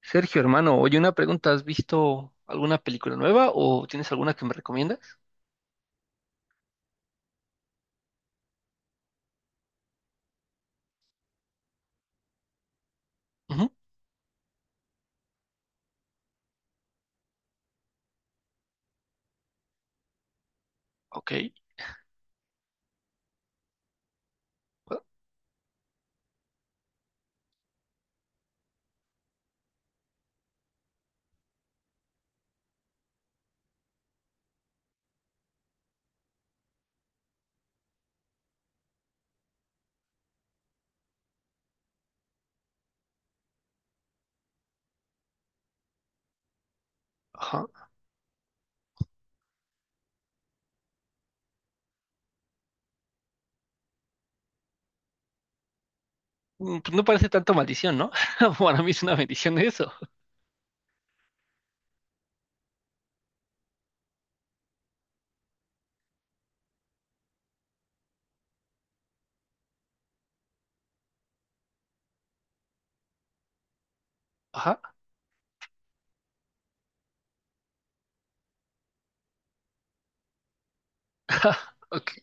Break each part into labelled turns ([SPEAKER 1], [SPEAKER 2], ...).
[SPEAKER 1] Sergio, hermano, oye, una pregunta, ¿has visto alguna película nueva o tienes alguna que me recomiendas? Ujú. Ok. Bueno. Ajá. Mm. Pues no parece tanto maldición, ¿no? Para mí es una bendición eso. Ajá. Ok.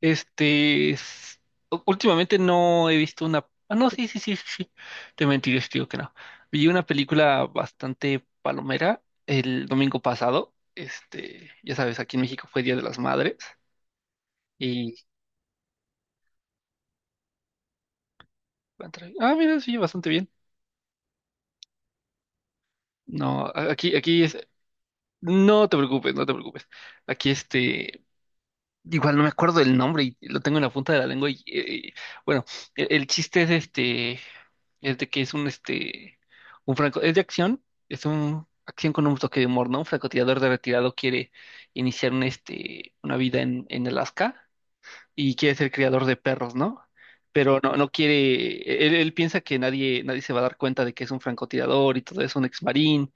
[SPEAKER 1] Este, es- Últimamente no he visto una. Ah, no, sí, sí, sí, sí, sí. Te mentiré, si te digo que no. Vi una película bastante palomera el domingo pasado. Este, ya sabes, aquí en México fue Día de las Madres. Y. Ah, mira, sí, bastante bien. No, aquí es. No te preocupes, no te preocupes. Aquí este. Igual no me acuerdo del nombre y lo tengo en la punta de la lengua. Y, bueno, el chiste es este. Es de que es un este. Un franco. Es de acción. Es un acción con un toque de humor, ¿no? Un francotirador de retirado quiere iniciar un, este, una vida en Alaska y quiere ser criador de perros, ¿no? Pero no, no quiere, él piensa que nadie se va a dar cuenta de que es un francotirador y todo es un ex marín,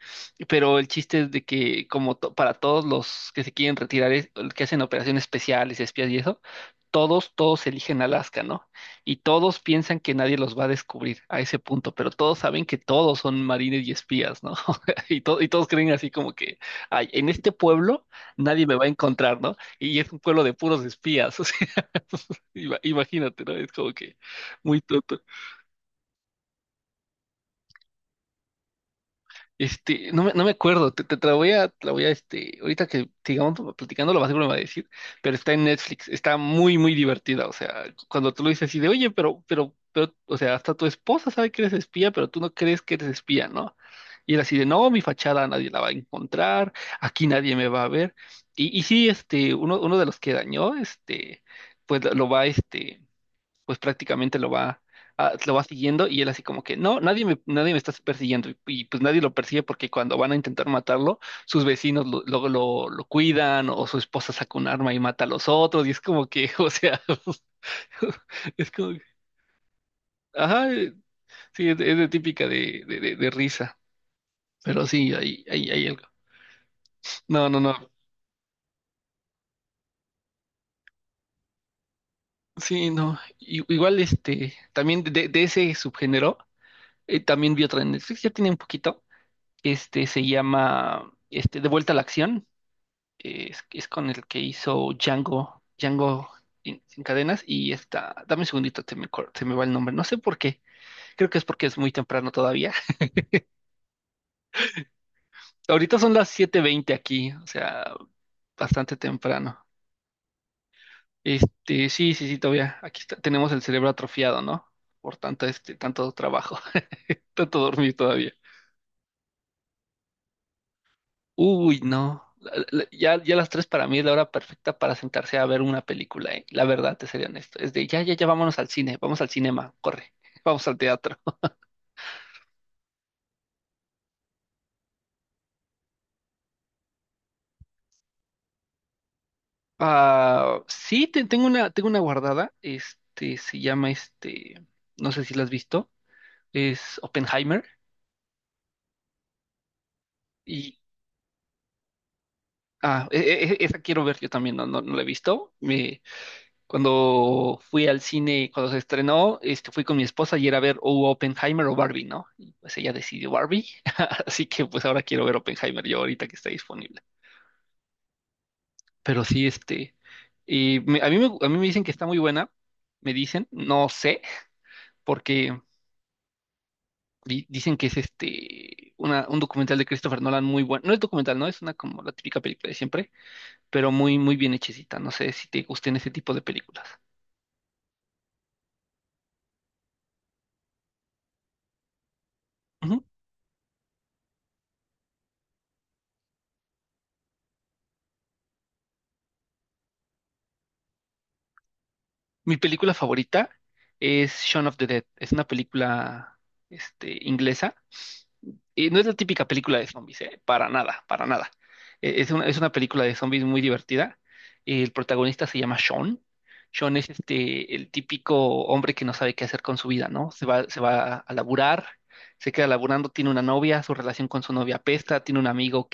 [SPEAKER 1] pero el chiste es de que como para todos los que se quieren retirar, que hacen operaciones especiales, espías y eso, todos eligen Alaska, ¿no? Y todos piensan que nadie los va a descubrir a ese punto, pero todos saben que todos son marines y espías, ¿no? Y todos creen así como que, ay, en este pueblo nadie me va a encontrar, ¿no? Y es un pueblo de puros espías. Imagínate, ¿no? Es como que muy tonto. Este, no me acuerdo, te la voy a, este, ahorita que sigamos platicando, lo más seguro me va a decir, pero está en Netflix, está muy, muy divertida, o sea, cuando tú lo dices así de, oye, pero, o sea, hasta tu esposa sabe que eres espía, pero tú no crees que eres espía, ¿no? Y él así de, no, mi fachada nadie la va a encontrar, aquí nadie me va a ver. Y sí, este, uno de los que dañó, este, pues lo va, este pues prácticamente lo va, ah, lo va siguiendo y él así como que, no, nadie me está persiguiendo y, pues nadie lo persigue porque cuando van a intentar matarlo, sus vecinos luego lo cuidan o su esposa saca un arma y mata a los otros y es como que, o sea, es como, ajá, sí, es de típica de risa, pero sí, hay algo. No, no, no. Sí, no. Igual este, también de ese subgénero, también vi otra en Netflix, ya tiene un poquito. Este se llama este, De vuelta a la acción. Es con el que hizo Django sin cadenas. Y está, dame un segundito, se me va el nombre. No sé por qué. Creo que es porque es muy temprano todavía. Ahorita son las 7:20 aquí, o sea, bastante temprano. Este, sí, sí, sí, todavía. Aquí tenemos el cerebro atrofiado, ¿no? Por tanto, este, tanto trabajo, tanto dormir todavía. Uy, no. Ya las 3 para mí es la hora perfecta para sentarse a ver una película, ¿eh? La verdad, te sería honesto. Es de ya, ya, ya vámonos al cine, vamos al cinema, corre, vamos al teatro. Ah, sí, tengo una guardada. Este se llama este, no sé si la has visto. Es Oppenheimer. Y esa quiero ver yo también, no, no, no la he visto. Cuando fui al cine, cuando se estrenó, este, fui con mi esposa y era a ver o Oppenheimer o Barbie, ¿no? Y pues ella decidió Barbie, así que pues ahora quiero ver Oppenheimer yo ahorita que está disponible. Pero sí, este, y a mí me dicen que está muy buena, me dicen, no sé, porque dicen que es este, un documental de Christopher Nolan muy bueno. No es documental, no, es una como la típica película de siempre, pero muy, muy bien hechecita. No sé si te gusten ese tipo de películas. Mi película favorita es Shaun of the Dead. Es una película, este, inglesa. Y no es la típica película de zombies, ¿eh? Para nada, para nada. Es una película de zombies muy divertida. El protagonista se llama Sean. Sean es este, el típico hombre que no sabe qué hacer con su vida, ¿no? Se va a laburar, se queda laburando, tiene una novia, su relación con su novia apesta, tiene un amigo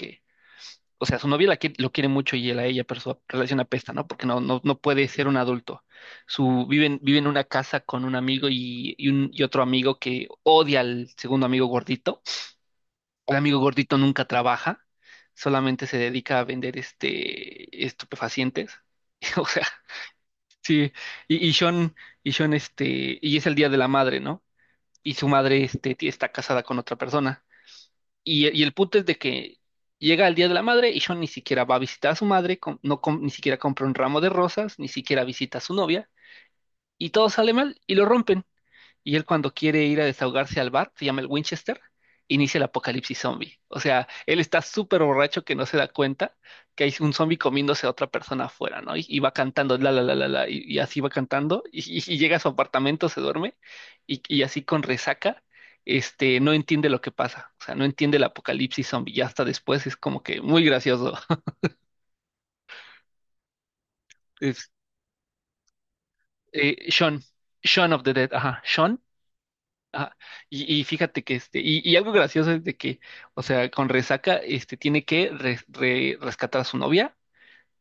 [SPEAKER 1] o sea, su novia la lo quiere mucho y él a ella, pero su relación apesta, ¿no? Porque no, no, no puede ser un adulto. Vive en una casa con un amigo y otro amigo que odia al segundo amigo gordito. El amigo gordito nunca trabaja, solamente se dedica a vender este, estupefacientes. O sea, sí. Y, y Sean, y Sean, este, y es el Día de la Madre, ¿no? Y su madre, este, está casada con otra persona. Y el punto es de que llega el Día de la Madre y Sean ni siquiera va a visitar a su madre, no ni siquiera compra un ramo de rosas, ni siquiera visita a su novia, y todo sale mal y lo rompen y él cuando quiere ir a desahogarse al bar, se llama el Winchester, inicia el apocalipsis zombie. O sea, él está súper borracho que no se da cuenta que hay un zombie comiéndose a otra persona afuera, ¿no? Y va cantando, la, y así va cantando, y llega a su apartamento, se duerme, y así con resaca, este, no entiende lo que pasa, o sea, no entiende el apocalipsis zombie, y hasta después es como que muy gracioso. Es eh, Shaun, Shaun of the Dead. Ajá, Shaun. Ah, y fíjate que este, y algo gracioso es de que, o sea, con Resaca, este, tiene que rescatar a su novia,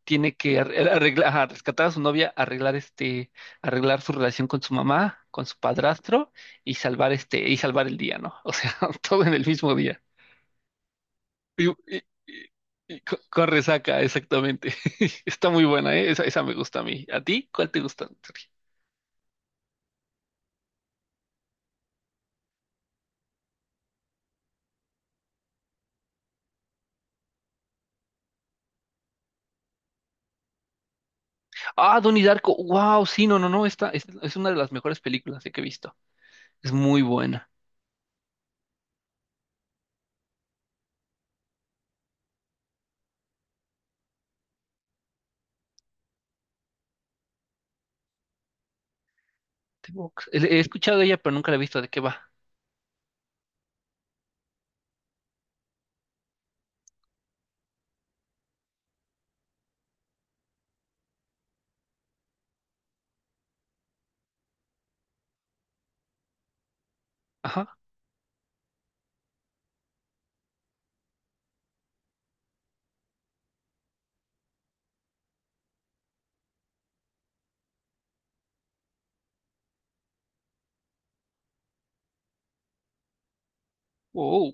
[SPEAKER 1] tiene que rescatar a su novia, arreglar este, arreglar su relación con su mamá, con su padrastro, y salvar el día, ¿no? O sea, todo en el mismo día. Y- y- y- con, Resaca, exactamente. Está muy buena, ¿eh? Esa me gusta a mí. ¿A ti? ¿Cuál te gusta? Ah, Donnie Darko. Wow, sí, no, no, no. Esta es una de las mejores películas que he visto. Es muy buena. The Box. He escuchado de ella, pero nunca la he visto. ¿De qué va? Ajá. Wow.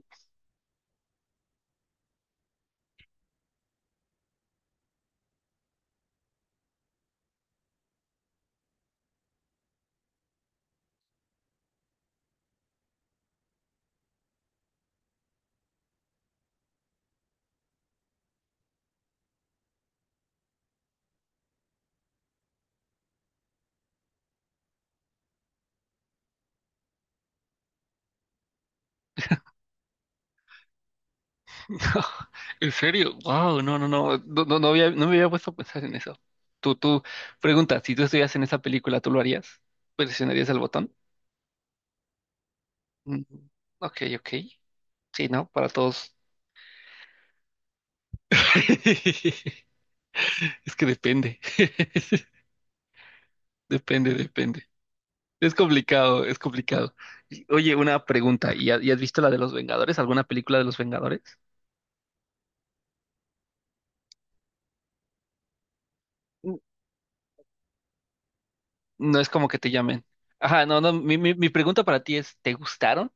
[SPEAKER 1] ¿En serio? Wow. No, no, no. No, no, no había, no me había puesto a pensar en eso. Tú, pregunta, si tú estuvieras en esa película, ¿tú lo harías? ¿Presionarías el botón? Mm. Ok, ok. Sí, ¿no? Para todos. Es que depende. Depende, depende. Es complicado, es complicado. Oye, una pregunta. ¿Y has visto la de los Vengadores? ¿Alguna película de los Vengadores? No es como que te llamen. Ajá, no, no, mi pregunta para ti es, ¿te gustaron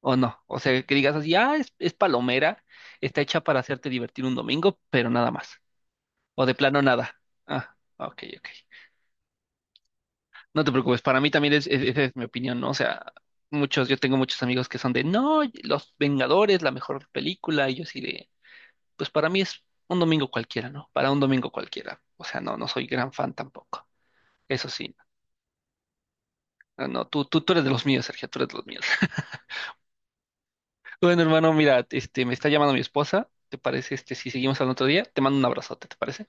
[SPEAKER 1] o no? O sea, que digas así, ah, es palomera, está hecha para hacerte divertir un domingo, pero nada más. O de plano nada. Ah, ok, ok. No te preocupes, para mí también esa es mi opinión, ¿no? O sea, muchos, yo tengo muchos amigos que son no, Los Vengadores, la mejor película, y yo así de, pues para mí es un domingo cualquiera, ¿no? Para un domingo cualquiera. O sea, no, no soy gran fan tampoco. Eso sí. No, no, tú eres de los míos, Sergio, tú eres de los míos. Bueno, hermano, mira, este, me está llamando mi esposa. ¿Te parece, este, si seguimos al otro día? Te mando un abrazote, ¿te parece?